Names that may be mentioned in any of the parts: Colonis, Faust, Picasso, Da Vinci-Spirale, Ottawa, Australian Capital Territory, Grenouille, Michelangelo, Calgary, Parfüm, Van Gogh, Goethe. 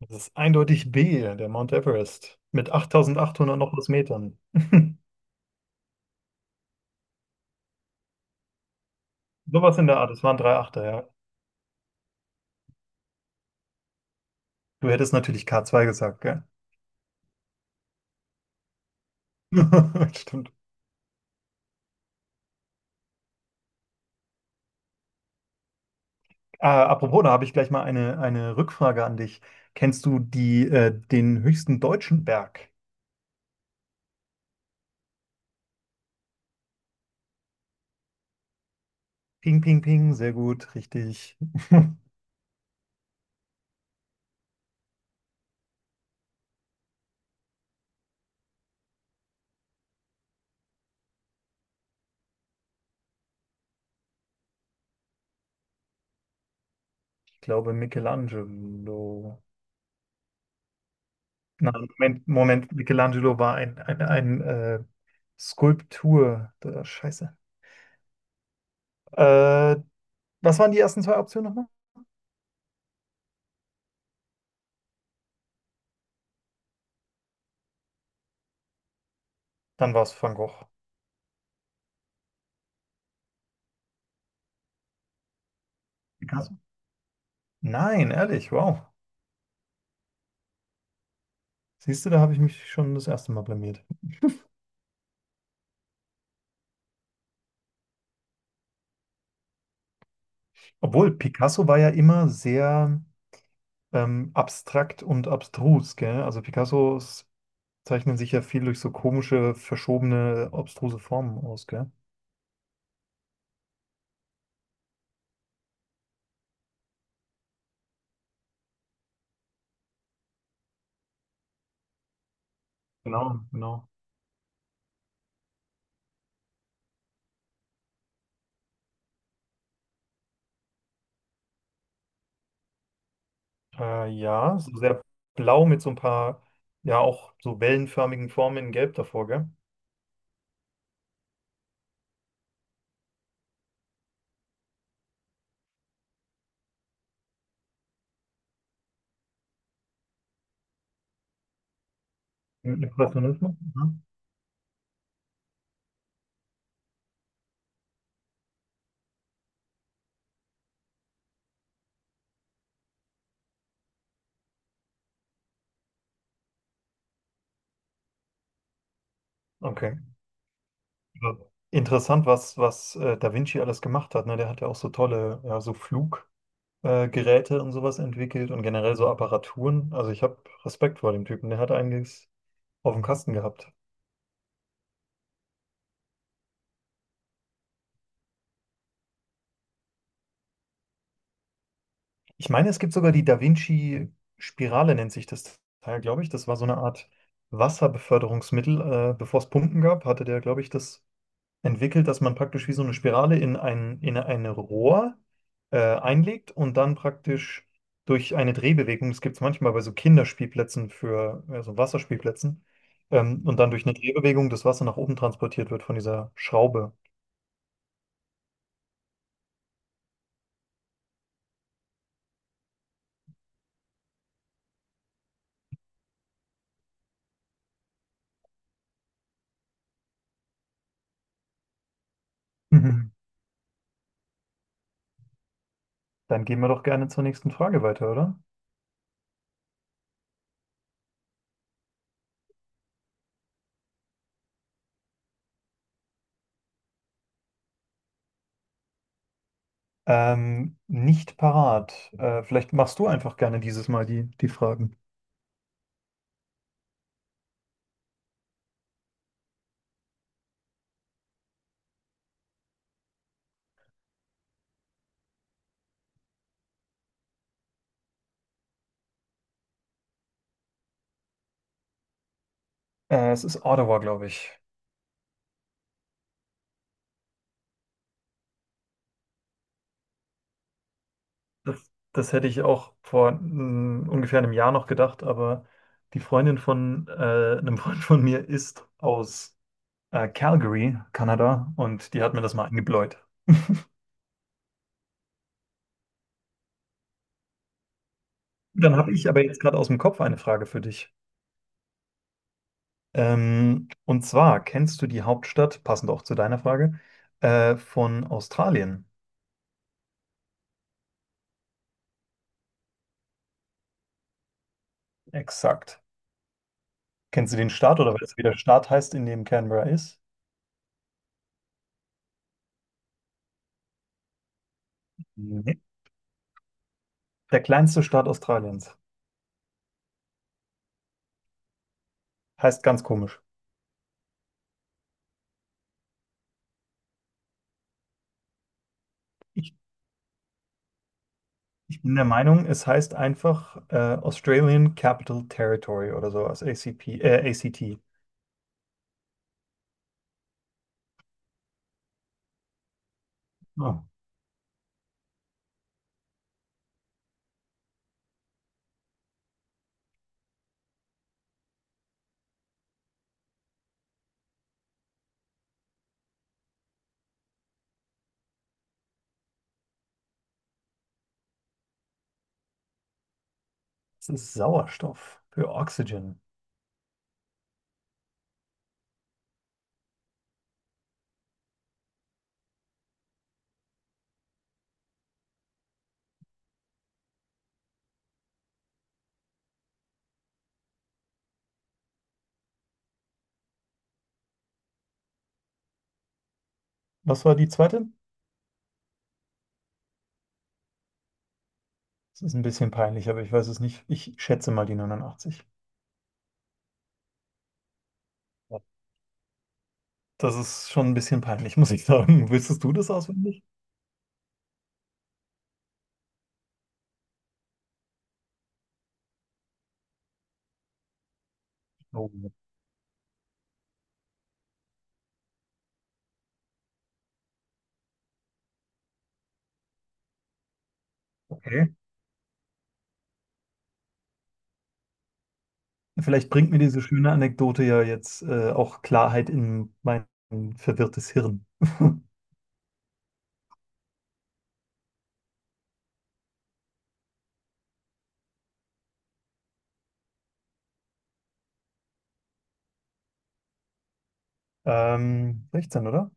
Das ist eindeutig B, der Mount Everest, mit 8.800 noch was Metern. Sowas in der Art, es waren drei Achter, ja. Du hättest natürlich k zwei gesagt, gell? Stimmt. Apropos, da habe ich gleich mal eine Rückfrage an dich. Kennst du den höchsten deutschen Berg? Ping, ping, ping, sehr gut, richtig. Ich glaube Michelangelo. Nein, Moment, Moment, Michelangelo war ein Skulptur. Da, scheiße. Äh, Was waren die ersten zwei Optionen nochmal? Dann war es Van Gogh. Picasso? Nein, ehrlich, wow. Siehst du, da habe ich mich schon das erste Mal blamiert. Obwohl, Picasso war ja immer sehr abstrakt und abstrus, gell? Also Picassos zeichnen sich ja viel durch so komische, verschobene, obstruse Formen aus, gell? Genau, genau. Ja, so sehr blau mit so ein paar, ja, auch so wellenförmigen Formen in Gelb davor, gell? Im Impressionismus? Mhm. Okay. Interessant, was Da Vinci alles gemacht hat. Ne? Der hat ja auch so tolle, ja, so Fluggeräte Geräte und sowas entwickelt und generell so Apparaturen. Also ich habe Respekt vor dem Typen. Der hat einiges auf dem Kasten gehabt. Ich meine, es gibt sogar die Da Vinci-Spirale, nennt sich das Teil, glaube ich. Das war so eine Art Wasserbeförderungsmittel. Bevor es Pumpen gab, hatte der, glaube ich, das entwickelt, dass man praktisch wie so eine Spirale in ein Rohr einlegt und dann praktisch durch eine Drehbewegung, das gibt es manchmal bei so Kinderspielplätzen für, ja, so Wasserspielplätzen, und dann durch eine Drehbewegung das Wasser nach oben transportiert wird von dieser Schraube. Mhm. Dann gehen wir doch gerne zur nächsten Frage weiter, oder? Nicht parat. Vielleicht machst du einfach gerne dieses Mal die Fragen. Es ist Ottawa, glaube ich. Das hätte ich auch vor ungefähr einem Jahr noch gedacht, aber die Freundin von einem Freund von mir ist aus Calgary, Kanada, und die hat mir das mal eingebläut. Dann habe ich aber jetzt gerade aus dem Kopf eine Frage für dich. Und zwar, kennst du die Hauptstadt, passend auch zu deiner Frage, von Australien? Exakt. Kennst du den Staat oder weißt du, wie der Staat heißt, in dem Canberra ist? Nee. Der kleinste Staat Australiens. Heißt ganz komisch. Ich Ich bin der Meinung, es heißt einfach Australian Capital Territory oder sowas, ACP, ACT. Oh, das ist Sauerstoff für Oxygen. Was war die zweite? Das ist ein bisschen peinlich, aber ich weiß es nicht. Ich schätze mal die 89. Ja. Das ist schon ein bisschen peinlich, muss ich sagen. Wüsstest du das auswendig? Oh, okay. Vielleicht bringt mir diese schöne Anekdote ja jetzt auch Klarheit in mein verwirrtes Hirn. 16, oder?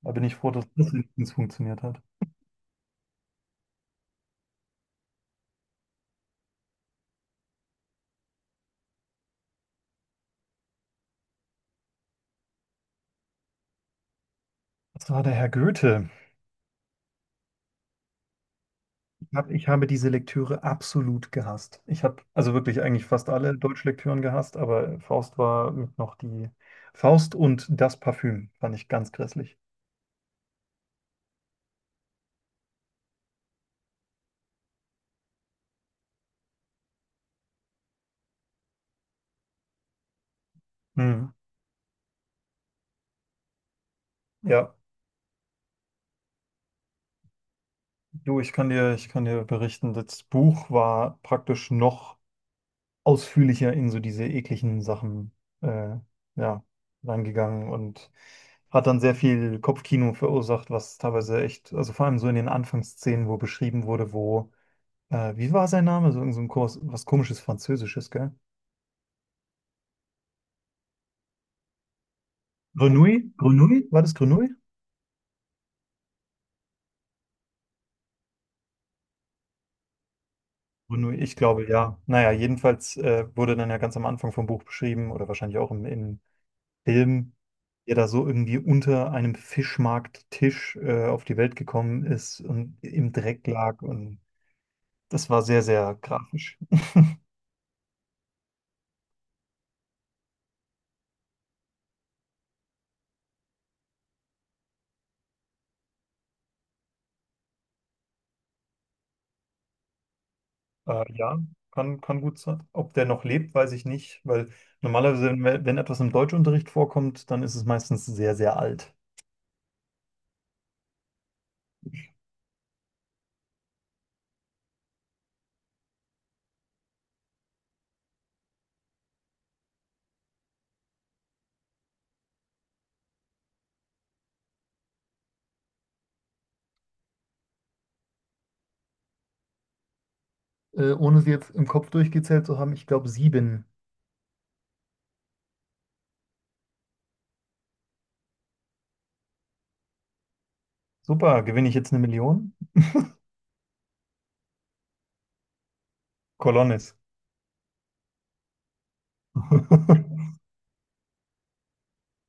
Da bin ich froh, dass das wenigstens funktioniert hat. Das war der Herr Goethe. Ich habe diese Lektüre absolut gehasst. Ich habe also wirklich eigentlich fast alle Deutschlektüren gehasst, aber Faust war mit noch die Faust, und das Parfüm fand ich ganz grässlich. Hm. Ja, du, ich kann dir berichten, das Buch war praktisch noch ausführlicher in so diese ekligen Sachen äh, ja, reingegangen und hat dann sehr viel Kopfkino verursacht, was teilweise echt, also vor allem so in den Anfangsszenen, wo beschrieben wurde, wo wie war sein Name? So, irgend so ein Kurs, was komisches Französisches, gell? Grenouille? Grenouille? War das Grenouille? Grenouille, ich glaube ja. Naja, jedenfalls wurde dann ja ganz am Anfang vom Buch beschrieben oder wahrscheinlich auch im Film, der da so irgendwie unter einem Fischmarkttisch auf die Welt gekommen ist und im Dreck lag. Und das war sehr, sehr grafisch. Ja, kann gut sein. Ob der noch lebt, weiß ich nicht, weil normalerweise, wenn etwas im Deutschunterricht vorkommt, dann ist es meistens sehr, sehr alt. Ohne sie jetzt im Kopf durchgezählt zu haben, ich glaube sieben. Super, gewinne ich jetzt eine Million? Colonis.